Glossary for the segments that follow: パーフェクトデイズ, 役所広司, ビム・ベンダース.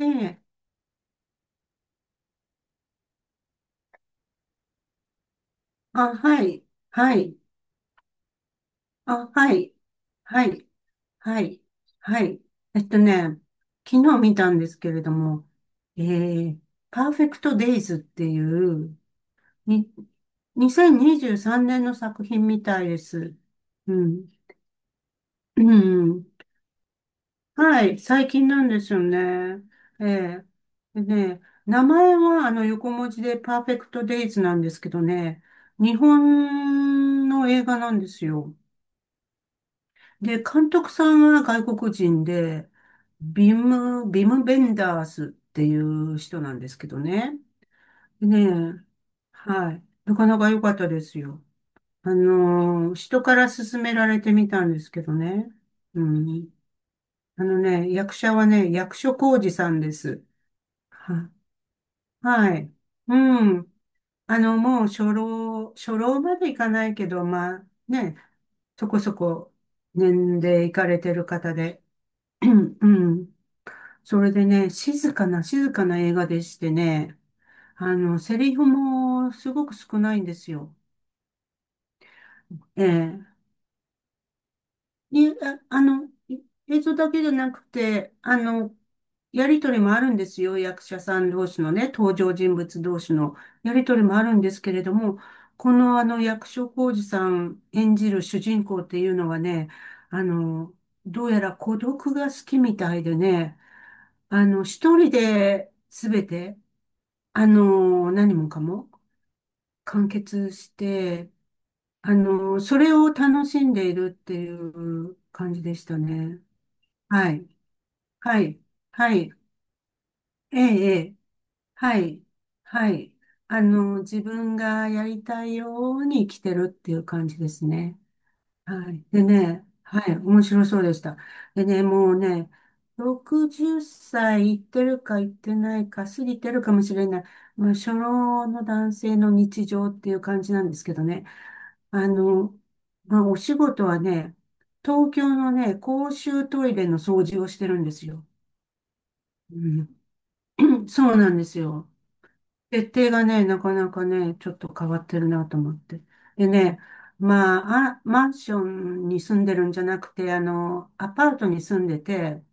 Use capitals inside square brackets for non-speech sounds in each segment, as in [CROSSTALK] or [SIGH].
ええ、あ、はい、はい、あ、はい、はい、はい、はい。えっとね、昨日見たんですけれども、えー、パーフェクトデイズっていう、に、2023年の作品みたいです。うん。うん。はい、最近なんですよね。ええ。でね、名前は横文字でパーフェクトデイズなんですけどね、日本の映画なんですよ。で、監督さんは外国人で、ビム・ベンダースっていう人なんですけどね。ねえ、はい。なかなか良かったですよ。人から勧められてみたんですけどね。うん。あのね、役者はね、役所広司さんです。は、はい。うん。もう初老までいかないけど、まあね、そこそこ年齢いかれてる方で、[CLEARS THROAT] うん。それでね、静かな映画でしてね、セリフもすごく少ないんですよ。ええ。に、ああの、い映像だけじゃなくて、やりとりもあるんですよ。役者さん同士のね、登場人物同士のやりとりもあるんですけれども、この役所広司さん演じる主人公っていうのはね、あの、どうやら孤独が好きみたいでね、一人で全てあの、何もかも完結して、それを楽しんでいるっていう感じでしたね。はい。はい。はい。ええ、ええ。はい。はい。自分がやりたいように生きてるっていう感じですね。はい。でね、はい、面白そうでした。でね、もうね、60歳いいってるかいってないか、過ぎてるかもしれない、まあ、初老の男性の日常っていう感じなんですけどね。あの、まあ、お仕事はね、東京のね、公衆トイレの掃除をしてるんですよ。うん、そうなんですよ。設定がね、なかなかね、ちょっと変わってるなと思って。でね、まマンションに住んでるんじゃなくて、アパートに住んでて、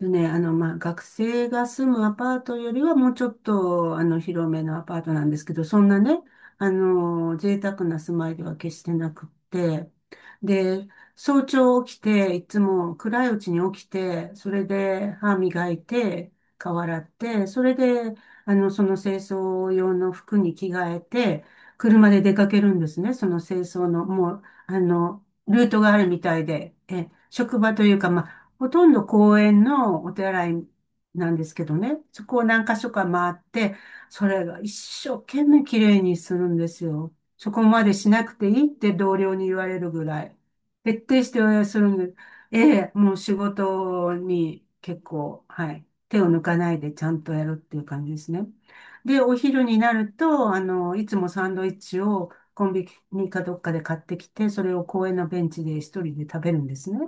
でね、まあ、学生が住むアパートよりはもうちょっと、広めのアパートなんですけど、そんなね、贅沢な住まいでは決してなくって、で、早朝起きて、いつも暗いうちに起きて、それで歯磨いて、顔洗って、それで、その清掃用の服に着替えて、車で出かけるんですね、その清掃の、もう、あの、ルートがあるみたいで、え、職場というか、まあほとんど公園のお手洗いなんですけどね、そこを何箇所か回って、それが一生懸命綺麗にするんですよ。そこまでしなくていいって同僚に言われるぐらい。徹底してするんで、ええ、もう仕事に結構、はい、手を抜かないでちゃんとやるっていう感じですね。で、お昼になると、いつもサンドイッチをコンビニかどっかで買ってきて、それを公園のベンチで一人で食べるんですね。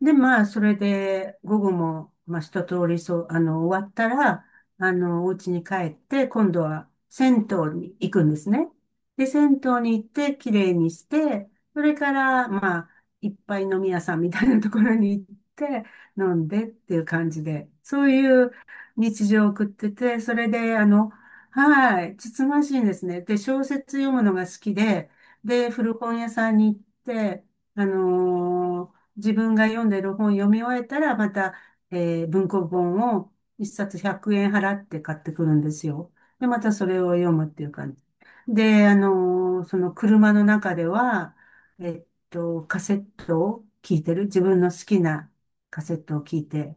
で、まあ、それで、午後も、まあ、一通り、終わったら、お家に帰って、今度は銭湯に行くんですね。で、銭湯に行って、綺麗にして、それから、まあ、いっぱい飲み屋さんみたいなところに行って、飲んでっていう感じで、そういう日常を送ってて、それで、はい、つつましいんですね。で、小説読むのが好きで、で、古本屋さんに行って、あのー自分が読んでる本読み終えたら、また、文庫本を一冊100円払って買ってくるんですよ。で、またそれを読むっていう感じ。で、その車の中では、カセットを聞いてる。自分の好きなカセットを聞いて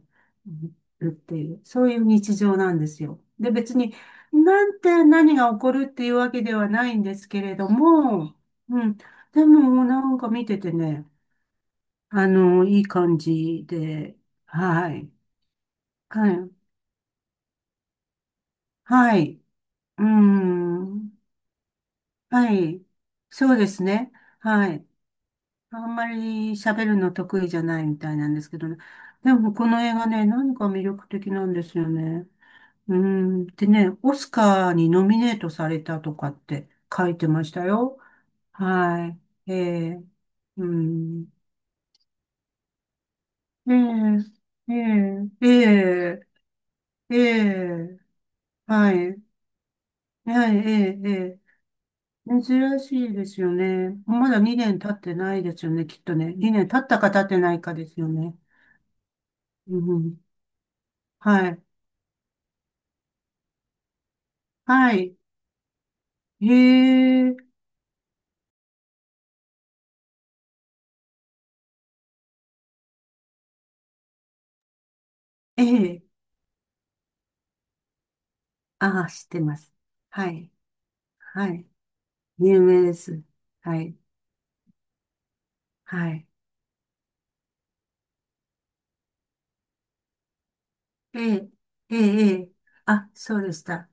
るっていう、そういう日常なんですよ。で、別に、なんて何が起こるっていうわけではないんですけれども、うん。でも、なんか見ててね、いい感じで、はい。はい。はい。うーん。はい。そうですね。はい。あんまり喋るの得意じゃないみたいなんですけどね。でも、この映画ね、何か魅力的なんですよね。うーん。でね、オスカーにノミネートされたとかって書いてましたよ。はい。ええ。うん。ええ。ええ。ええ。ええ。はい。はい、ええ、ええ。珍しいですよね。まだ2年経ってないですよね、きっとね。2年経ったか経ってないかですよね。うんうん。はい。はい。へえ、ええ。ああ、知ってます。はい。はい。有名です。はい。はい。ええ、ええ、ええ。あ、そうでした。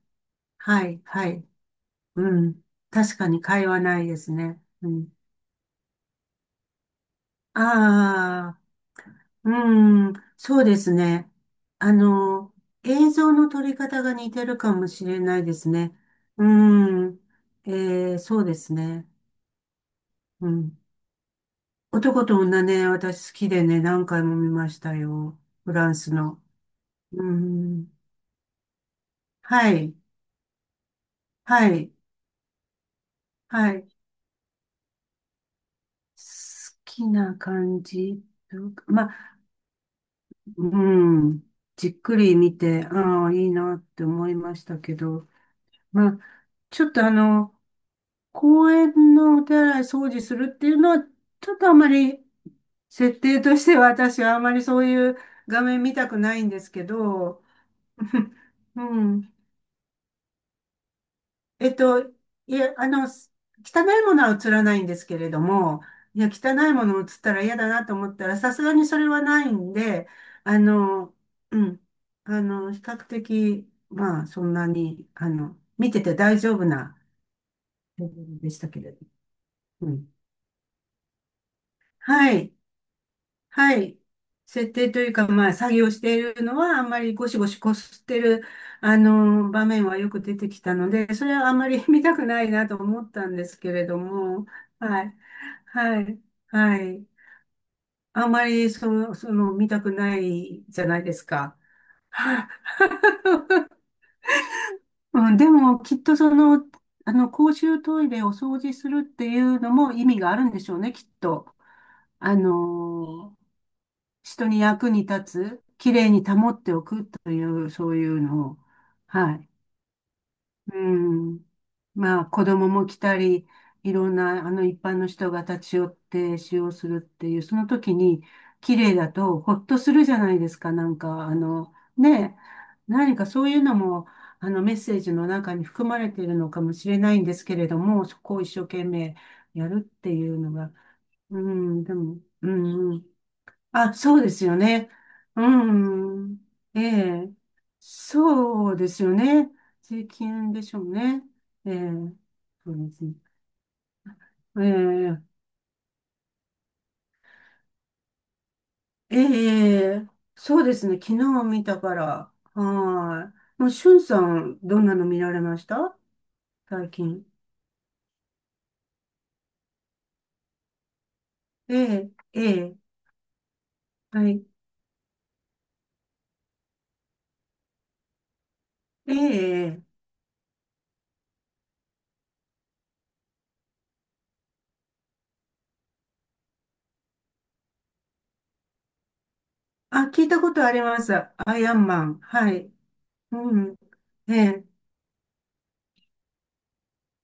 はい、はい。うん。確かに会話ないですね。うん。ああ。うん、そうですね。あの、映像の撮り方が似てるかもしれないですね。うん、そうですね。うん。男と女ね、私好きでね、何回も見ましたよ。フランスの。うん。はい、はい、はい。好きな感じ。まあ、うん。じっくり見て、ああ、いいなって思いましたけど。まあ、ちょっとあの、公園のお手洗い掃除するっていうのは、ちょっとあまり、設定としては私はあまりそういう画面見たくないんですけど、[LAUGHS] うん。えっと、汚いものは映らないんですけれども、いや、汚いもの映ったら嫌だなと思ったら、さすがにそれはないんで、あの、うん。比較的、まあ、そんなに、見てて大丈夫なレベルでしたけれど。うん。はい。はい。設定というか、まあ、作業しているのは、あんまりゴシゴシこすってる、場面はよく出てきたので、それはあんまり [LAUGHS] 見たくないなと思ったんですけれども、はい。はい。はい。あんまり、見たくないじゃないですか。[LAUGHS] はいうん、でも、きっとその、あの、公衆トイレを掃除するっていうのも意味があるんでしょうね、きっと。あのー人に役に立つ、きれいに保っておくという、そういうのを、はい。うん。まあ、子供も来たり、いろんな、一般の人が立ち寄って使用するっていう、その時に、きれいだと、ほっとするじゃないですか、何かそういうのも、メッセージの中に含まれているのかもしれないんですけれども、そこを一生懸命やるっていうのが、うん、でも、うん、あ、そうですよね。うん。ええ。そうですよね。税金でしょうね。ええ。そうですね。ええ。ええ。そうですね。昨日見たから。はい。もう、しゅんさん、どんなの見られました最近。ええ。ええ。はい。ええ。あ、聞いたことあります。アイアンマン。はい。うん。ええ。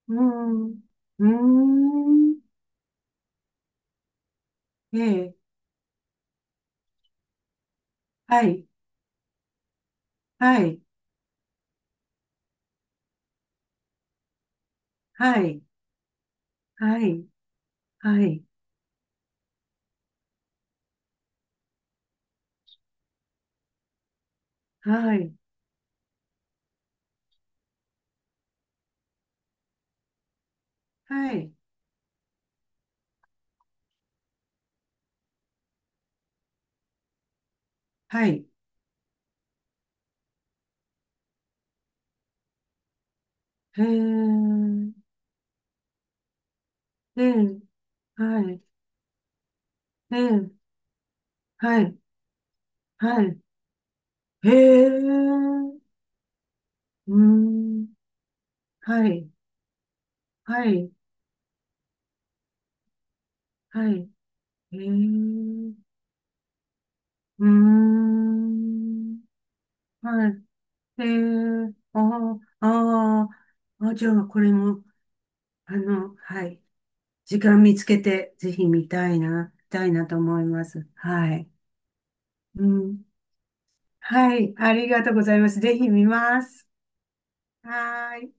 うん。うーん。ええ。はい。はい、はい、はい、はい、はい、はい、はい、へー、えー、はい、えー、はい、はい、へー、うーん、はい、はい、はい、へー、うーん、はい、えー、あー、あじゃあこれも、はい、時間見つけて、ぜひ見たいな、見たいなと思います。はい。うんはい。ありがとうございます。ぜひ見ます。はーい。